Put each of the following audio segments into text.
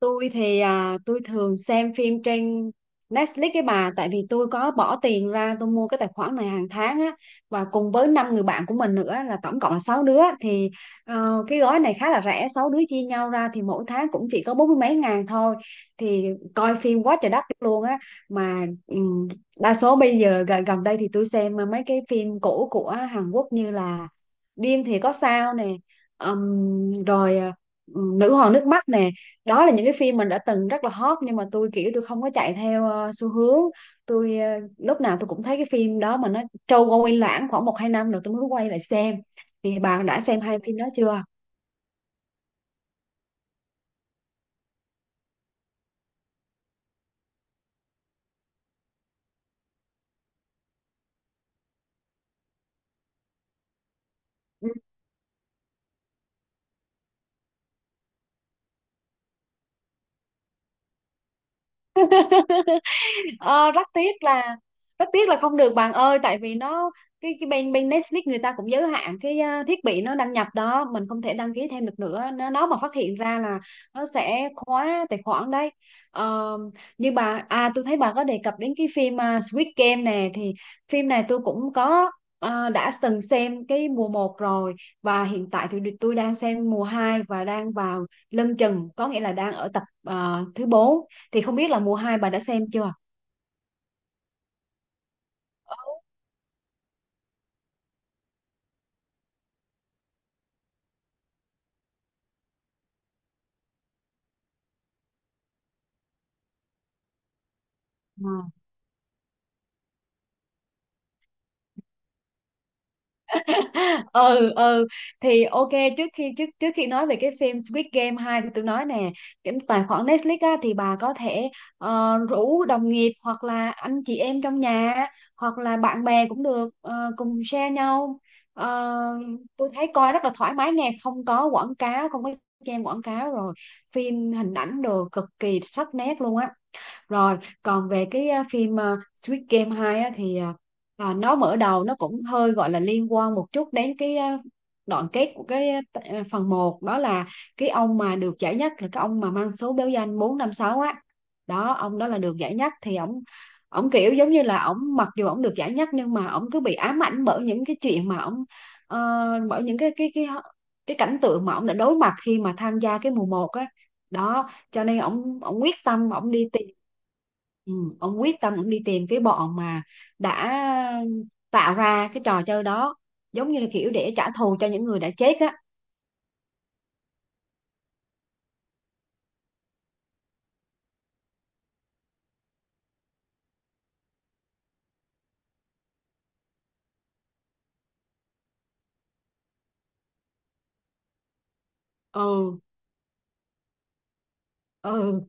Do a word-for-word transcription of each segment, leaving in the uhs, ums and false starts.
Tôi thì à, tôi thường xem phim trên Netflix cái bà, tại vì tôi có bỏ tiền ra tôi mua cái tài khoản này hàng tháng á, và cùng với năm người bạn của mình nữa là tổng cộng là sáu đứa thì ờ, cái gói này khá là rẻ, sáu đứa chia nhau ra thì mỗi tháng cũng chỉ có bốn mươi mấy ngàn thôi, thì coi phim quá trời đất luôn á. Mà ừm, đa số bây giờ gần, gần đây thì tôi xem mấy cái phim cũ của Hàn Quốc như là Điên thì có sao nè, ừm, rồi ờ, Nữ hoàng nước mắt nè. Đó là những cái phim mình đã từng rất là hot, nhưng mà tôi kiểu tôi không có chạy theo ờ, xu hướng. tôi ờ, Lúc nào tôi cũng thấy cái phim đó mà nó trôi qua quay lãng khoảng một hai năm rồi tôi mới quay lại xem. Thì bạn đã xem hai phim đó chưa? Ừ. Ờ, rất tiếc là rất tiếc là không được bạn ơi, tại vì nó cái cái bên bên Netflix người ta cũng giới hạn cái à, thiết bị nó đăng nhập đó, mình không thể đăng ký thêm được nữa, nó nó mà phát hiện ra là nó sẽ khóa tài khoản đấy. Ờ, như bà à tôi thấy bà có đề cập đến cái phim à, Squid Game nè, thì phim này tôi cũng có à, đã từng xem cái mùa một rồi, và hiện tại thì tôi đang xem mùa hai và đang vào lân chừng, có nghĩa là đang ở tập à, thứ bốn. Thì không biết là mùa hai bà đã xem chưa? Ờ. ừ ừ thì ok. Trước khi trước trước khi nói về cái phim Squid Game hai thì tôi nói nè, cái tài khoản Netflix á, thì bà có thể ờ, rủ đồng nghiệp hoặc là anh chị em trong nhà, hoặc là bạn bè cũng được, ờ, cùng share nhau. Ờ, tôi thấy coi rất là thoải mái nghe, không có quảng cáo, không có xem quảng cáo rồi, phim hình ảnh đồ cực kỳ sắc nét luôn á. Rồi, còn về cái à, phim à, Squid Game hai á, thì à, à, nó mở đầu nó cũng hơi gọi là liên quan một chút đến cái à, đoạn kết của cái à, phần một, đó là cái ông mà được giải nhất là cái ông mà mang số báo danh bốn năm sáu á. Đó, ông đó là được giải nhất thì ổng ổng kiểu giống như là ổng mặc dù ổng được giải nhất nhưng mà ổng cứ bị ám ảnh bởi những cái chuyện mà ổng ờ, bởi những cái cái cái cái cảnh tượng mà ổng đã đối mặt khi mà tham gia cái mùa một á. Đó, cho nên ổng ổng quyết tâm ổng đi tìm. Ừ, ông quyết tâm ông đi tìm cái bọn mà đã tạo ra cái trò chơi đó, giống như là kiểu để trả thù cho những người đã chết á. ừ ừ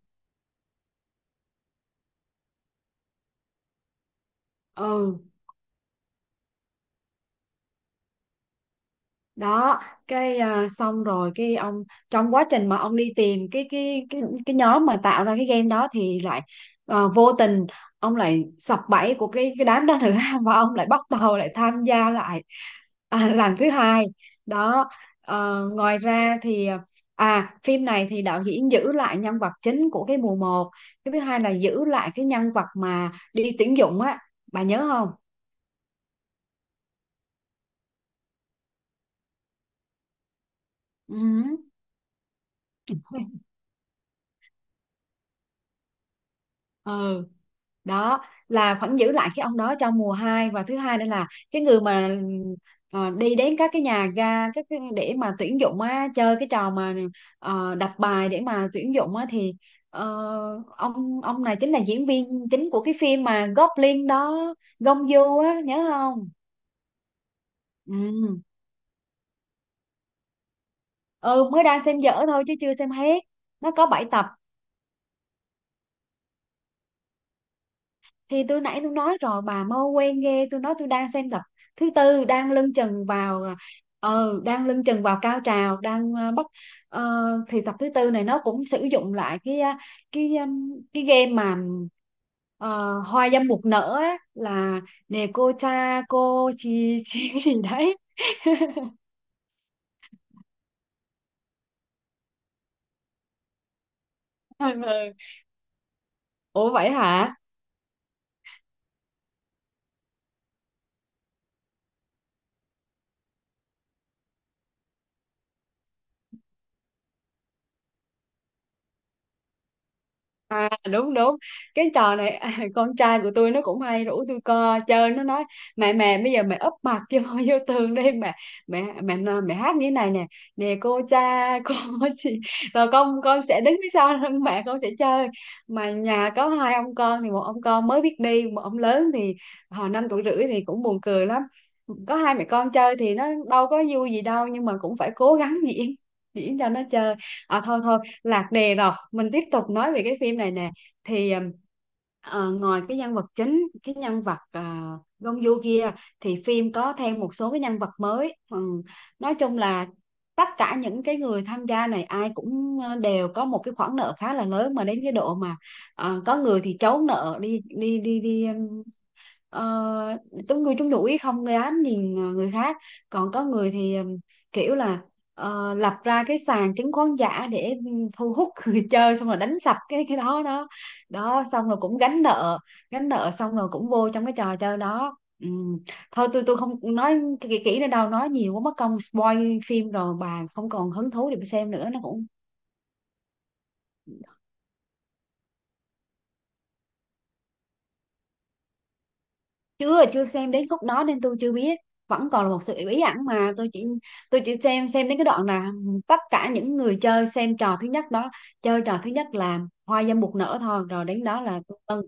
ừ Đó, cái à, xong rồi cái ông trong quá trình mà ông đi tìm cái cái cái cái nhóm mà tạo ra cái game đó thì lại ờ, vô tình ông lại sập bẫy của cái cái đám đó nữa và ông lại bắt đầu lại tham gia lại à, lần thứ hai. Đó. Ờ, ngoài ra thì à phim này thì đạo diễn giữ lại nhân vật chính của cái mùa một, cái thứ hai là giữ lại cái nhân vật mà đi tuyển dụng á, bà nhớ không? Ừ. ừ Đó, là vẫn giữ lại cái ông đó trong mùa hai, và thứ hai nữa là cái người mà ờ, đi đến các cái nhà ga, các cái, để mà tuyển dụng á, chơi cái trò mà ờ, đặt bài để mà tuyển dụng á, thì ờ, ông ông này chính là diễn viên chính của cái phim mà Goblin đó, Gông Du á, nhớ không? Ừ. Ừ, mới đang xem dở thôi chứ chưa xem hết, nó có bảy tập. Thì tôi nãy tôi nói rồi, bà mau quen ghê, tôi nói tôi đang xem tập thứ tư, đang lưng chừng vào. Ờ, đang lưng chừng vào cao trào, đang ờ, bắt. ờ, thì tập thứ tư này nó cũng sử dụng lại cái ờ, cái um, cái game mà ờ, hoa dâm bụt nở á, là nè cô cha cô chi chi cái gì đấy. Ừ. Ủa vậy hả? À đúng đúng. Cái trò này à, con trai của tôi nó cũng hay rủ tôi co chơi. Nó nói: mẹ mẹ bây giờ mẹ úp mặt vô, vô tường đi mẹ. Mẹ mẹ nói- mẹ hát như thế này nè: nè cô cha cô chị. Rồi con con sẽ đứng phía sau lưng mẹ con sẽ chơi. Mà nhà có hai ông con, thì một ông con mới biết đi, một ông lớn thì hồi năm tuổi rưỡi, thì cũng buồn cười lắm. Có hai mẹ con chơi thì nó đâu có vui gì đâu, nhưng mà cũng phải cố gắng diễn diễn cho nó chơi. À thôi thôi, lạc đề rồi, mình tiếp tục nói về cái phim này nè. Thì ờ, ngoài cái nhân vật chính, cái nhân vật uh, Gongyu kia thì phim có thêm một số cái nhân vật mới. Ừm, nói chung là tất cả những cái người tham gia này ai cũng ờ, đều có một cái khoản nợ khá là lớn, mà đến cái độ mà ờ, có người thì trốn nợ đi đi đi đi. Ờ, có người chúng đuổi không gây án nhìn ờ, người khác. Còn có người thì ừm, kiểu là ờ, lập ra cái sàn chứng khoán giả để thu hút người chơi xong rồi đánh sập cái cái đó đó. Đó xong rồi cũng gánh nợ, gánh nợ xong rồi cũng vô trong cái trò chơi đó. Ừm, thôi tôi tôi không nói kỹ kỹ nữa đâu, nói nhiều quá mất công spoil phim rồi bà không còn hứng thú để mà xem nữa nó cũng. Chưa chưa xem đến khúc đó nên tôi chưa biết, vẫn còn là một sự bí ẩn, mà tôi chỉ tôi chỉ xem xem đến cái đoạn là tất cả những người chơi xem trò thứ nhất đó, chơi trò thứ nhất là hoa dâm bụt nở thôi, rồi đến đó là tôi ừ.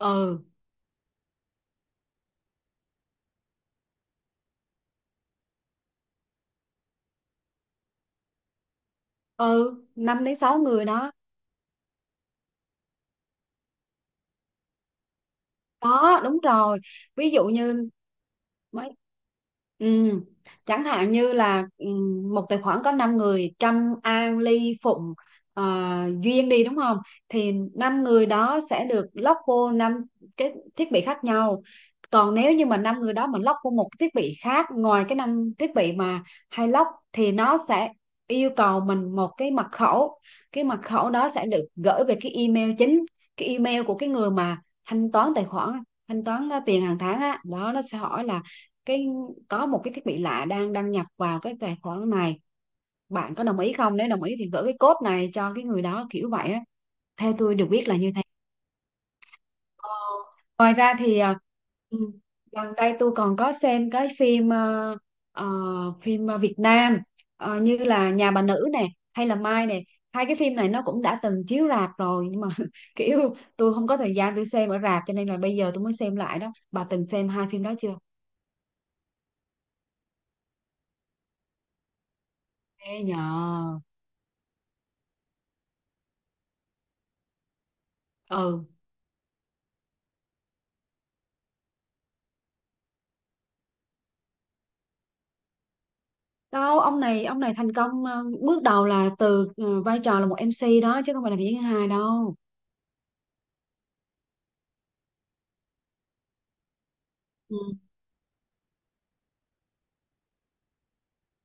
ừ ừ, năm đến sáu người đó. Có, đúng rồi. Ví dụ như mấy ừ, chẳng hạn như là ừ, một tài khoản có năm người: Trâm, An, Ly, Phụng, ờ, Duyên đi, đúng không? Thì năm người đó sẽ được lock vô năm cái thiết bị khác nhau. Còn nếu như mà năm người đó mà lock vô một cái thiết bị khác ngoài cái năm thiết bị mà hay lock thì nó sẽ yêu cầu mình một cái mật khẩu. Cái mật khẩu đó sẽ được gửi về cái email chính, cái email của cái người mà thanh toán tài khoản, thanh toán uh, tiền hàng tháng á đó, nó sẽ hỏi là cái có một cái thiết bị lạ đang đăng nhập vào cái tài khoản này, bạn có đồng ý không, nếu đồng ý thì gửi cái code này cho cái người đó, kiểu vậy á, theo tôi được biết là như. Ờ, ngoài ra thì à, ừ, gần đây tôi còn có xem cái phim ờ, ờ, phim ờ, Việt Nam, ờ, như là Nhà bà nữ nè, hay là Mai nè. Hai cái phim này nó cũng đã từng chiếu rạp rồi, nhưng mà kiểu tôi không có thời gian tôi xem ở rạp, cho nên là bây giờ tôi mới xem lại đó. Bà từng xem hai phim đó chưa? Ê nhờ. Ừ đâu, ông này ông này thành công ờ, bước đầu là từ ờ, vai trò là một em xê đó, chứ không phải là diễn viên hài đâu.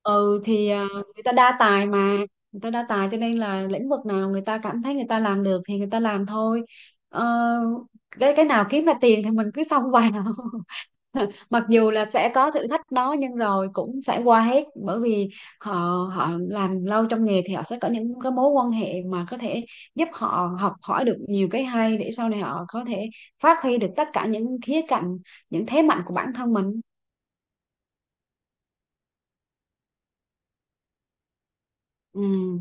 Ừ thì à, người ta đa tài mà, người ta đa tài cho nên là lĩnh vực nào người ta cảm thấy người ta làm được thì người ta làm thôi. Ờ, cái cái nào kiếm ra tiền thì mình cứ xông vào, mặc dù là sẽ có thử thách đó, nhưng rồi cũng sẽ qua hết, bởi vì họ họ làm lâu trong nghề thì họ sẽ có những cái mối quan hệ mà có thể giúp họ học hỏi được nhiều cái hay, để sau này họ có thể phát huy được tất cả những khía cạnh, những thế mạnh của bản thân mình. Ừ.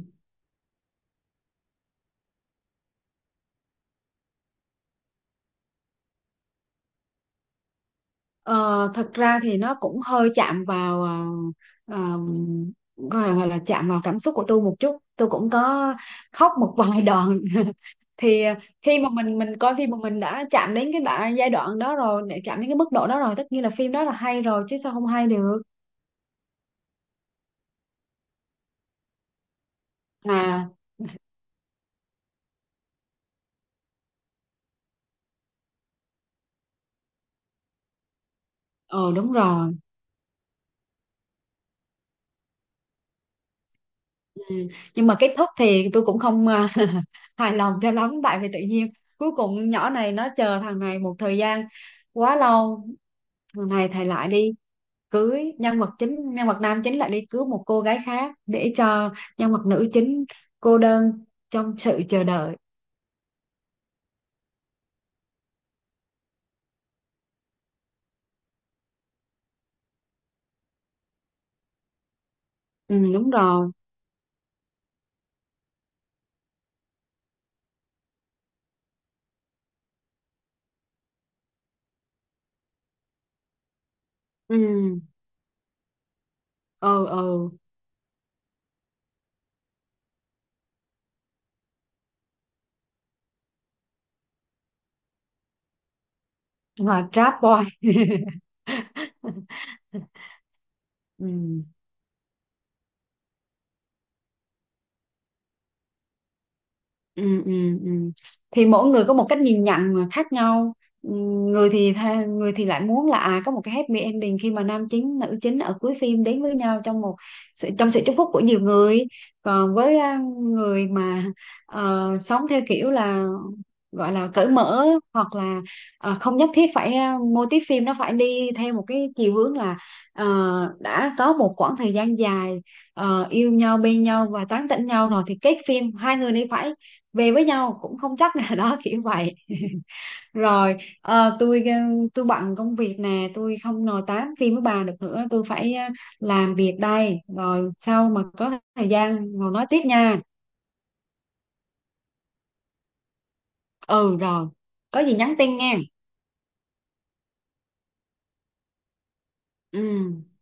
Ờ, thật ra thì nó cũng hơi chạm vào ờ, ờm, gọi là, gọi là chạm vào cảm xúc của tôi một chút, tôi cũng có khóc một vài đoạn. Thì ờ, khi mà mình mình coi phim mà mình đã chạm đến cái đoạn giai đoạn đó rồi, để chạm đến cái mức độ đó rồi, tất nhiên là phim đó là hay rồi chứ sao không hay được. À ờ đúng rồi. Ừ. Nhưng mà kết thúc thì tôi cũng không ờ, hài lòng cho lắm, tại vì tự nhiên cuối cùng nhỏ này nó chờ thằng này một thời gian quá lâu, thằng này thầy lại đi cưới, nhân vật chính nhân vật nam chính lại đi cứu một cô gái khác, để cho nhân vật nữ chính cô đơn trong sự chờ đợi. Ừ, đúng rồi. ừ ừ ừ là trap boy. ừ. ừ, ừ, ừ. Thì mỗi người có một cách nhìn nhận mà khác nhau. Ừ, người thì tha, người thì lại muốn là à có một cái happy ending, khi mà nam chính nữ chính ở cuối phim đến với nhau trong một sự, trong sự chúc phúc của nhiều người. Còn với à, người mà ờ, sống theo kiểu là gọi là cởi mở, hoặc là ờ, không nhất thiết phải ờ, mô típ phim nó phải đi theo một cái chiều hướng là ờ, đã có một quãng thời gian dài ờ, yêu nhau bên nhau và tán tỉnh nhau rồi thì kết phim hai người này phải về với nhau, cũng không chắc là đó, kiểu vậy. Rồi, ờ, tôi ờ, tôi bận công việc nè, tôi không nói tám phim với bà được nữa, tôi phải ờ, làm việc đây, rồi sau mà có thời gian ngồi nói tiếp nha. Ừ rồi, có gì nhắn tin nghe. Ừ.